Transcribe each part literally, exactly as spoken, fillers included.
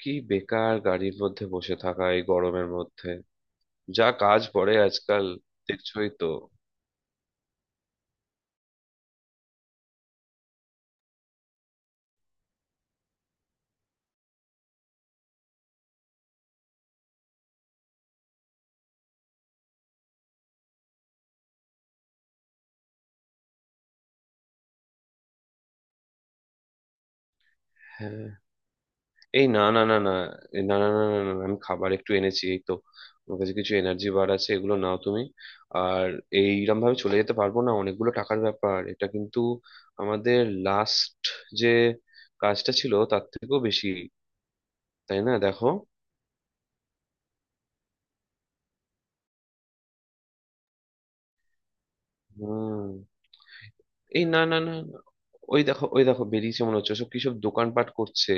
কি বেকার গাড়ির মধ্যে বসে থাকা এই গরমের মধ্যে, যা কাজ পড়ে আজকাল। দেখছোই তো। হ্যাঁ, এই না না না না, এই না না না না না, না, আমি খাবার একটু এনেছি এই তো। আমার কাছে কিছু এনার্জি বার আছে, এগুলো নাও তুমি। আর এইরকম ভাবে চলে যেতে পারবো না, অনেকগুলো টাকার ব্যাপার এটা কিন্তু। আমাদের লাস্ট যে কাজটা ছিল তার থেকেও বেশি, তাই না দেখো। হুম। এই না না না না। ওই দেখো, ওই দেখো বেরিয়েছে মনে হচ্ছে, সব কিসব দোকানপাট করছে।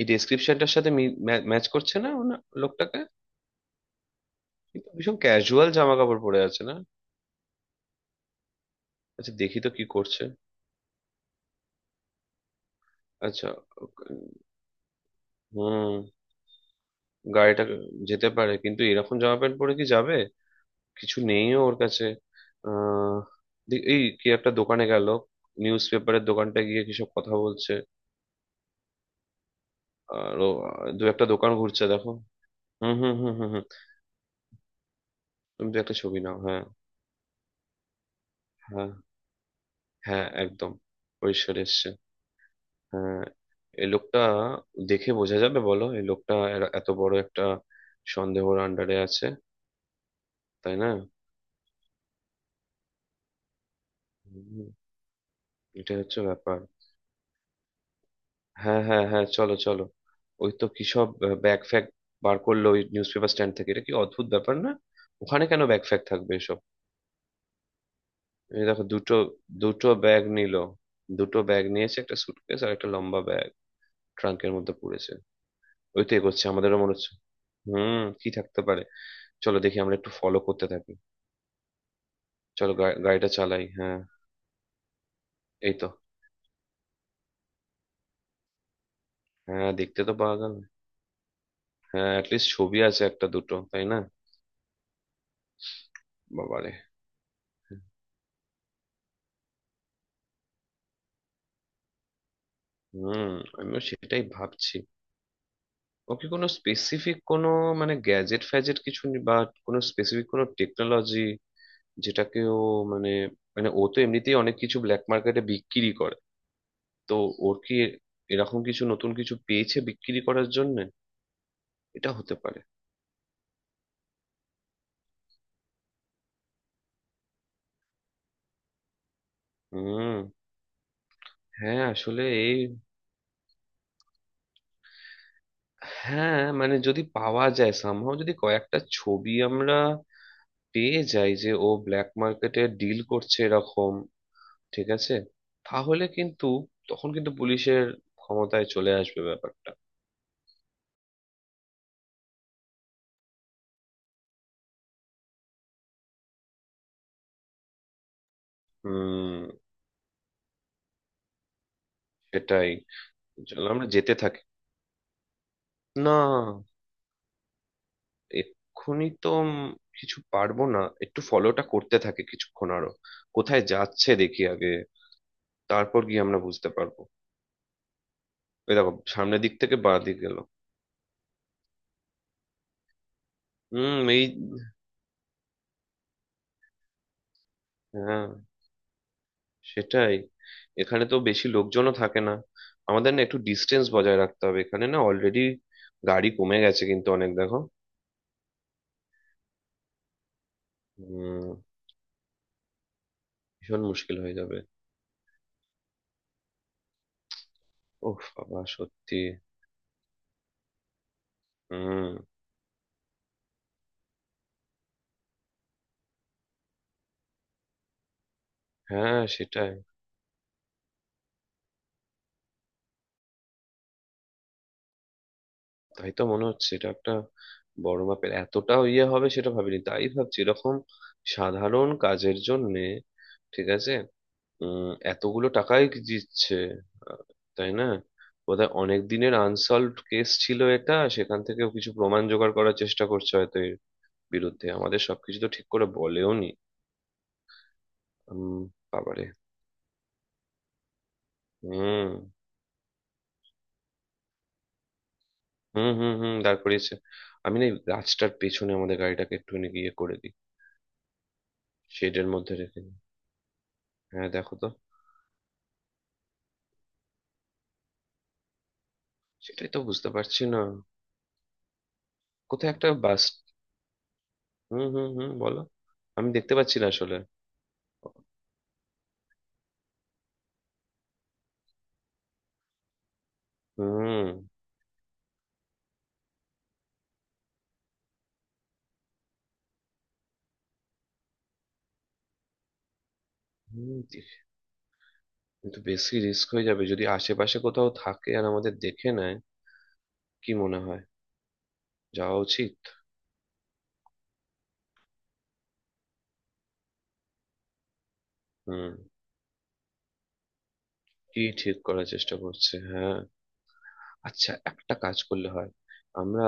এই ডেসক্রিপশনটার সাথে ম্যাচ করছে না ওনা লোকটাকে। কিন্তু ভীষণ ক্যাজুয়াল জামা কাপড় পরে আছে না। আচ্ছা দেখি তো কি করছে। আচ্ছা। হুম, গাড়িটা যেতে পারে কিন্তু এরকম জামা প্যান্ট পরে কি যাবে। কিছু নেইও ওর কাছে। আহ দে- এই কি একটা দোকানে গেল? নিউজ পেপারের দোকানটা গিয়ে কিসব কথা বলছে। আর ও, দু একটা দোকান ঘুরছে দেখো। হুম হুম হুম হুম হুম তুমি তো একটা ছবি নাও, হ্যাঁ। হ্যাঁ, হ্যাঁ, একদম পরিষ্কার এসছে। হ্যাঁ, এই লোকটা দেখে বোঝা যাবে বলো এই লোকটা এর- এত বড় একটা সন্দেহর আন্ডারে আছে, তাই না। হুম, এটা হচ্ছে ব্যাপার। হ্যাঁ হ্যাঁ হ্যাঁ, চলো চলো। ওই তো কি সব ব্যাগ ফ্যাগ বার করলো ওই নিউজ পেপার স্ট্যান্ড থেকে, এটা কি অদ্ভুত ব্যাপার না? ওখানে কেন ব্যাগ ফ্যাগ থাকবে এসব? এই দেখো, দুটো, দুটো ব্যাগ নিল। দুটো ব্যাগ নিয়েছে, একটা সুটকেস আর একটা লম্বা ব্যাগ, ট্রাঙ্কের মধ্যে পড়েছে। ওই তো এগোচ্ছে, আমাদেরও মনে হচ্ছে হুম কি থাকতে পারে। চলো দেখি, আমরা একটু ফলো করতে থাকি। চলো গা- গাড়িটা চালাই, হ্যাঁ। এই তো। হ্যাঁ, দেখতে তো পাওয়া গেল। হ্যাঁ, অ্যাটলিস্ট ছবি আছে একটা দুটো, তাই না। বাবারে। হুম, আমিও সেটাই ভাবছি। ওকে কোনো স্পেসিফিক কোনো, মানে গ্যাজেট ফ্যাজেট কিছু নি- বা কোনো স্পেসিফিক কোনো টেকনোলজি, যেটাকে ও, মানে, মানে ও তো এমনিতেই অনেক কিছু ব্ল্যাক মার্কেটে বিক্রি করে, তো ওর কি এ- এরকম কিছু নতুন কিছু পেয়েছে বিক্রি করার জন্য? এটা হতে পারে। হুম। হ্যাঁ আসলে এই, হ্যাঁ মানে যদি পাওয়া যায়, সামহাও যদি কয়েকটা ছবি আমরা পেয়ে যাই যে ও ব্ল্যাক মার্কেটে ডিল করছে এরকম, ঠিক আছে, তাহলে কিন্তু তখন কিন্তু পুলিশের ক্ষমতায় চলে আসবে ব্যাপারটা। হুম, সেটাই। চলো আমরা যেতে থাকি। না, এক্ষুনি তো উম কিছু পারবো না। একটু ফলোটা করতে থাকে কিছুক্ষণ আরো। কোথায় যাচ্ছে দেখি আগে, তারপর গিয়ে আমরা বুঝতে পারবো। এই দেখো সামনের দিক থেকে বাঁ দিক গেল। হুম এই, হ্যাঁ সেটাই। এখানে তো বেশি লোকজনও থাকে না। আমাদের না একটু ডিস্টেন্স বজায় রাখতে হবে, এখানে না অলরেডি গাড়ি কমে গেছে কিন্তু অনেক, দেখো। হুম। ভীষণ মুশকিল হয়ে যাবে। ওহ বাবা সত্যি। হুম। হ্যাঁ সেটাই। তাই তো মনে হচ্ছে এটা একটা বড় মাপের, এতটা ইয়ে হবে সেটা ভাবিনি, তাই ভাবছি এরকম সাধারণ কাজের জন্যে ঠিক আছে। উম এতগুলো টাকাই কি দিচ্ছে? আহ, তাই না। বোধহয় অনেক দিনের আনসলভড কেস ছিল এটা, সেখান থেকেও কিছু প্রমাণ জোগাড় করার চেষ্টা করছে হয়তো এর বিরুদ্ধে, আমাদের সবকিছু তো ঠিক করে বলেও নি। উম, বাবারে। হুম। হুম হুম হুম, দাঁড় করিয়েছে। আমি না এই গাছটার পেছনে আমাদের গাড়িটাকে একটুখানি গিয়ে করে দিই, শেডের মধ্যে রেখে দিই। হ্যাঁ দেখো তো। সেটাই তো বুঝতে পারছি না। কোথায় একটা বাস। হুম হুম হুম, বলো। আমি দেখতে পাচ্ছি না আসলে। হুম। হুম, কিন্তু বেশি রিস্ক হয়ে যাবে যদি আশেপাশে কোথাও থাকে আর আমাদের দেখে নেয়। কি মনে হয়, যাওয়া উচিত? হুম, কি ঠিক করার চেষ্টা করছে, হ্যাঁ। আচ্ছা একটা কাজ করলে হয়, আমরা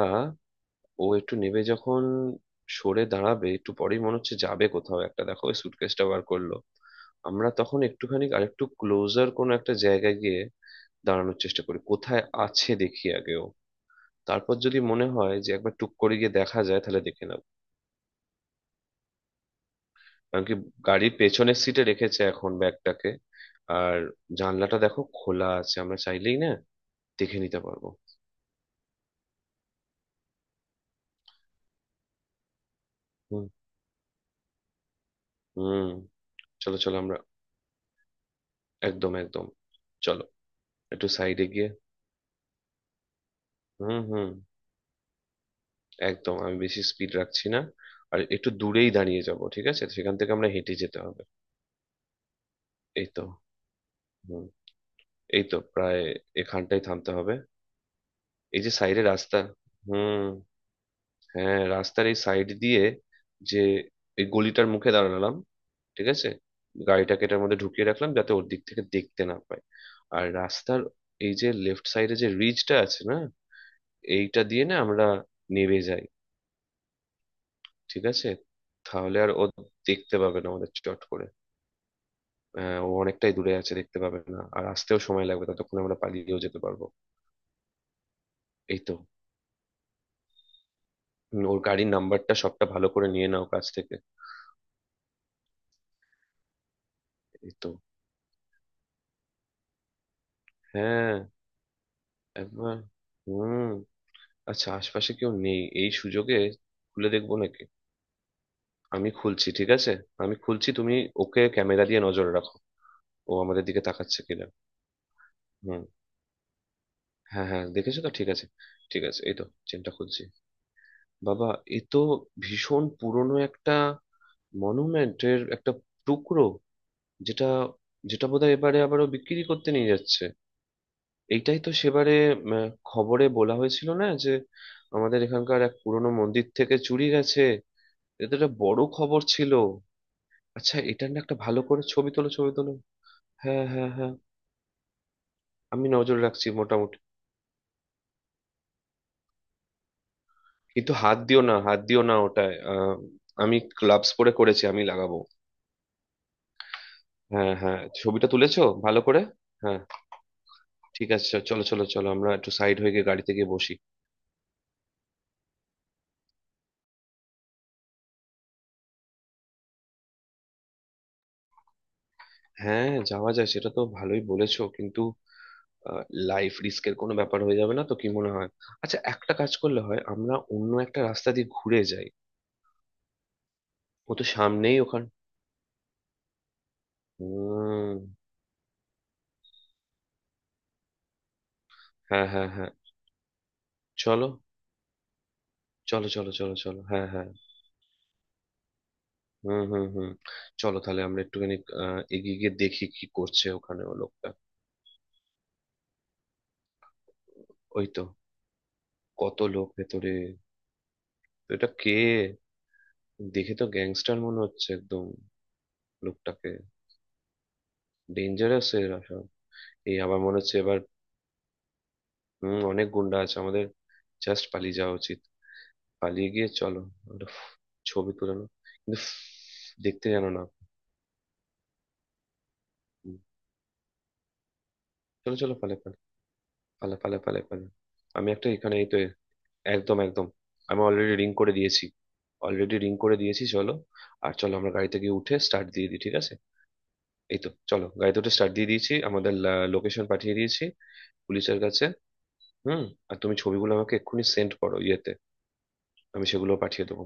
ও একটু নেবে যখন, সরে দাঁড়াবে একটু পরেই মনে হচ্ছে যাবে কোথাও একটা, দেখো ওই সুটকেসটা বার করলো। আমরা তখন একটুখানি আরেকটু ক্লোজার কোনো একটা জায়গায় গিয়ে দাঁড়ানোর চেষ্টা করি, কোথায় আছে দেখি আগেও। তারপর যদি মনে হয় যে একবার টুক করে গিয়ে দেখা যায়, তাহলে দেখে নেবো। কারণ কি, গাড়ির পেছনের সিটে রেখেছে এখন ব্যাগটাকে। আর জানলাটা দেখো খোলা আছে, আমরা চাইলেই না দেখে নিতে পারবো। হুম হুম চলো চলো আমরা। একদম একদম। চলো। একটু সাইডে গিয়ে, হুম হুম একদম আমি বেশি স্পিড রাখছি না। আর একটু দূরেই দাঁড়িয়ে যাব, ঠিক আছে, সেখান থেকে আমরা হেঁটে যেতে হবে। এই তো। হুম। এই তো প্রায় এখানটাই থামতে হবে। এই যে সাইডে রাস্তা, হুম, হ্যাঁ রাস্তার এই সাইড দিয়ে যে এই গলিটার মুখে দাঁড়ালাম, ঠিক আছে। গাড়িটাকে এটার মধ্যে ঢুকিয়ে রাখলাম যাতে ওর দিক থেকে দেখতে না পায়। আর রাস্তার এই যে লেফট সাইডে যে রিজটা আছে না, এইটা দিয়ে না আমরা নেমে যাই। ঠিক আছে, তাহলে আর ও দেখতে পাবে না আমাদের চট করে। আহ, ও অনেকটাই দূরে আছে, দেখতে পাবে না, আর আসতেও সময় লাগবে, ততক্ষণ আমরা পালিয়েও যেতে পারবো। এই তো। উম, ওর গাড়ির নাম্বারটা সবটা ভালো করে নিয়ে নাও কাছ থেকে। এই তো হ্যাঁ। একবার হুম। আচ্ছা আশপাশে কেউ নেই, এই সুযোগে খুলে দেখবো নাকি? আমি খুলছি ঠিক আছে। আমি খুলছি, তুমি ওকে ক্যামেরা দিয়ে নজর রাখো, ও আমাদের দিকে তাকাচ্ছে কিনা। হুম। হ্যাঁ হ্যাঁ দেখেছো তো, ঠিক আছে। ঠিক আছে এই তো, চেনটা খুলছি। বাবা, এ তো ভীষণ পুরনো একটা মনুমেন্টের একটা টুকরো, যেটা, যেটা বোধহয় এবারে আবারও বিক্রি করতে নিয়ে যাচ্ছে। এইটাই তো সেবারে উম, খবরে বলা হয়েছিল না যে আমাদের এখানকার এক পুরনো মন্দির থেকে চুরি গেছে। এটা একটা বড় খবর ছিল। আচ্ছা এটার না একটা ভালো করে ছবি তোলো, ছবি তোলো। হ্যাঁ হ্যাঁ হ্যাঁ। আমি নজর রাখছি মোটামুটি। কিন্তু হাত দিও না, হাত দিও না ওটায়, আহ, আমি গ্লাভস পরে করেছি, আমি লাগাবো। হ্যাঁ হ্যাঁ, ছবিটা তুলেছো ভালো করে? হ্যাঁ, ঠিক আছে চলো চলো চলো, আমরা একটু সাইড হয়ে গিয়ে গাড়িতে গিয়ে বসি। হ্যাঁ যাওয়া যায়, সেটা তো ভালোই বলেছো, কিন্তু লাইফ রিস্কের কোনো ব্যাপার হয়ে যাবে না তো, কি মনে হয়? আচ্ছা একটা কাজ করলে হয়, আমরা অন্য একটা রাস্তা দিয়ে ঘুরে যাই। ও তো সামনেই ওখান। হুম। হ্যাঁ হ্যাঁ হ্যাঁ, চলো চলো চলো চলো চলো হ্যাঁ হ্যাঁ। হুম হুম হুম চলো তাহলে আমরা একটুখানি আহ, এগিয়ে গিয়ে দেখি কি করছে ওখানে ও লোকটা। ওই তো, কত লোক ভেতরে। তো এটা কে? দেখে তো গ্যাংস্টার মনে হচ্ছে একদম লোকটাকে। ডেঞ্জারাস এর আসা। এই আবার মনে হচ্ছে এবার হম অনেক গুন্ডা আছে, আমাদের জাস্ট পালিয়ে যাওয়া উচিত। পালিয়ে গিয়ে চলো একটা ফ- ছবি তুলানো, কিন্তু ফ- দেখতে জানো না। হুম, চলো চলো পালে পালে পালে পালে পালে পালে। আমি একটা এখানে, এই তো, একদম একদম, আমি অলরেডি রিং করে দিয়েছি, অলরেডি রিং করে দিয়েছি। চলো, আর চলো আমরা গাড়িতে গিয়ে উঠে স্টার্ট দিয়ে দিই, ঠিক আছে। এই তো চলো গাড়িতে উঠে স্টার্ট দিয়ে দিয়েছি, আমাদের লোকেশন পাঠিয়ে দিয়েছি পুলিশের কাছে। হুম। আর তুমি ছবিগুলো আমাকে এক্ষুনি সেন্ড করো ইয়েতে, আমি সেগুলো পাঠিয়ে দেবো।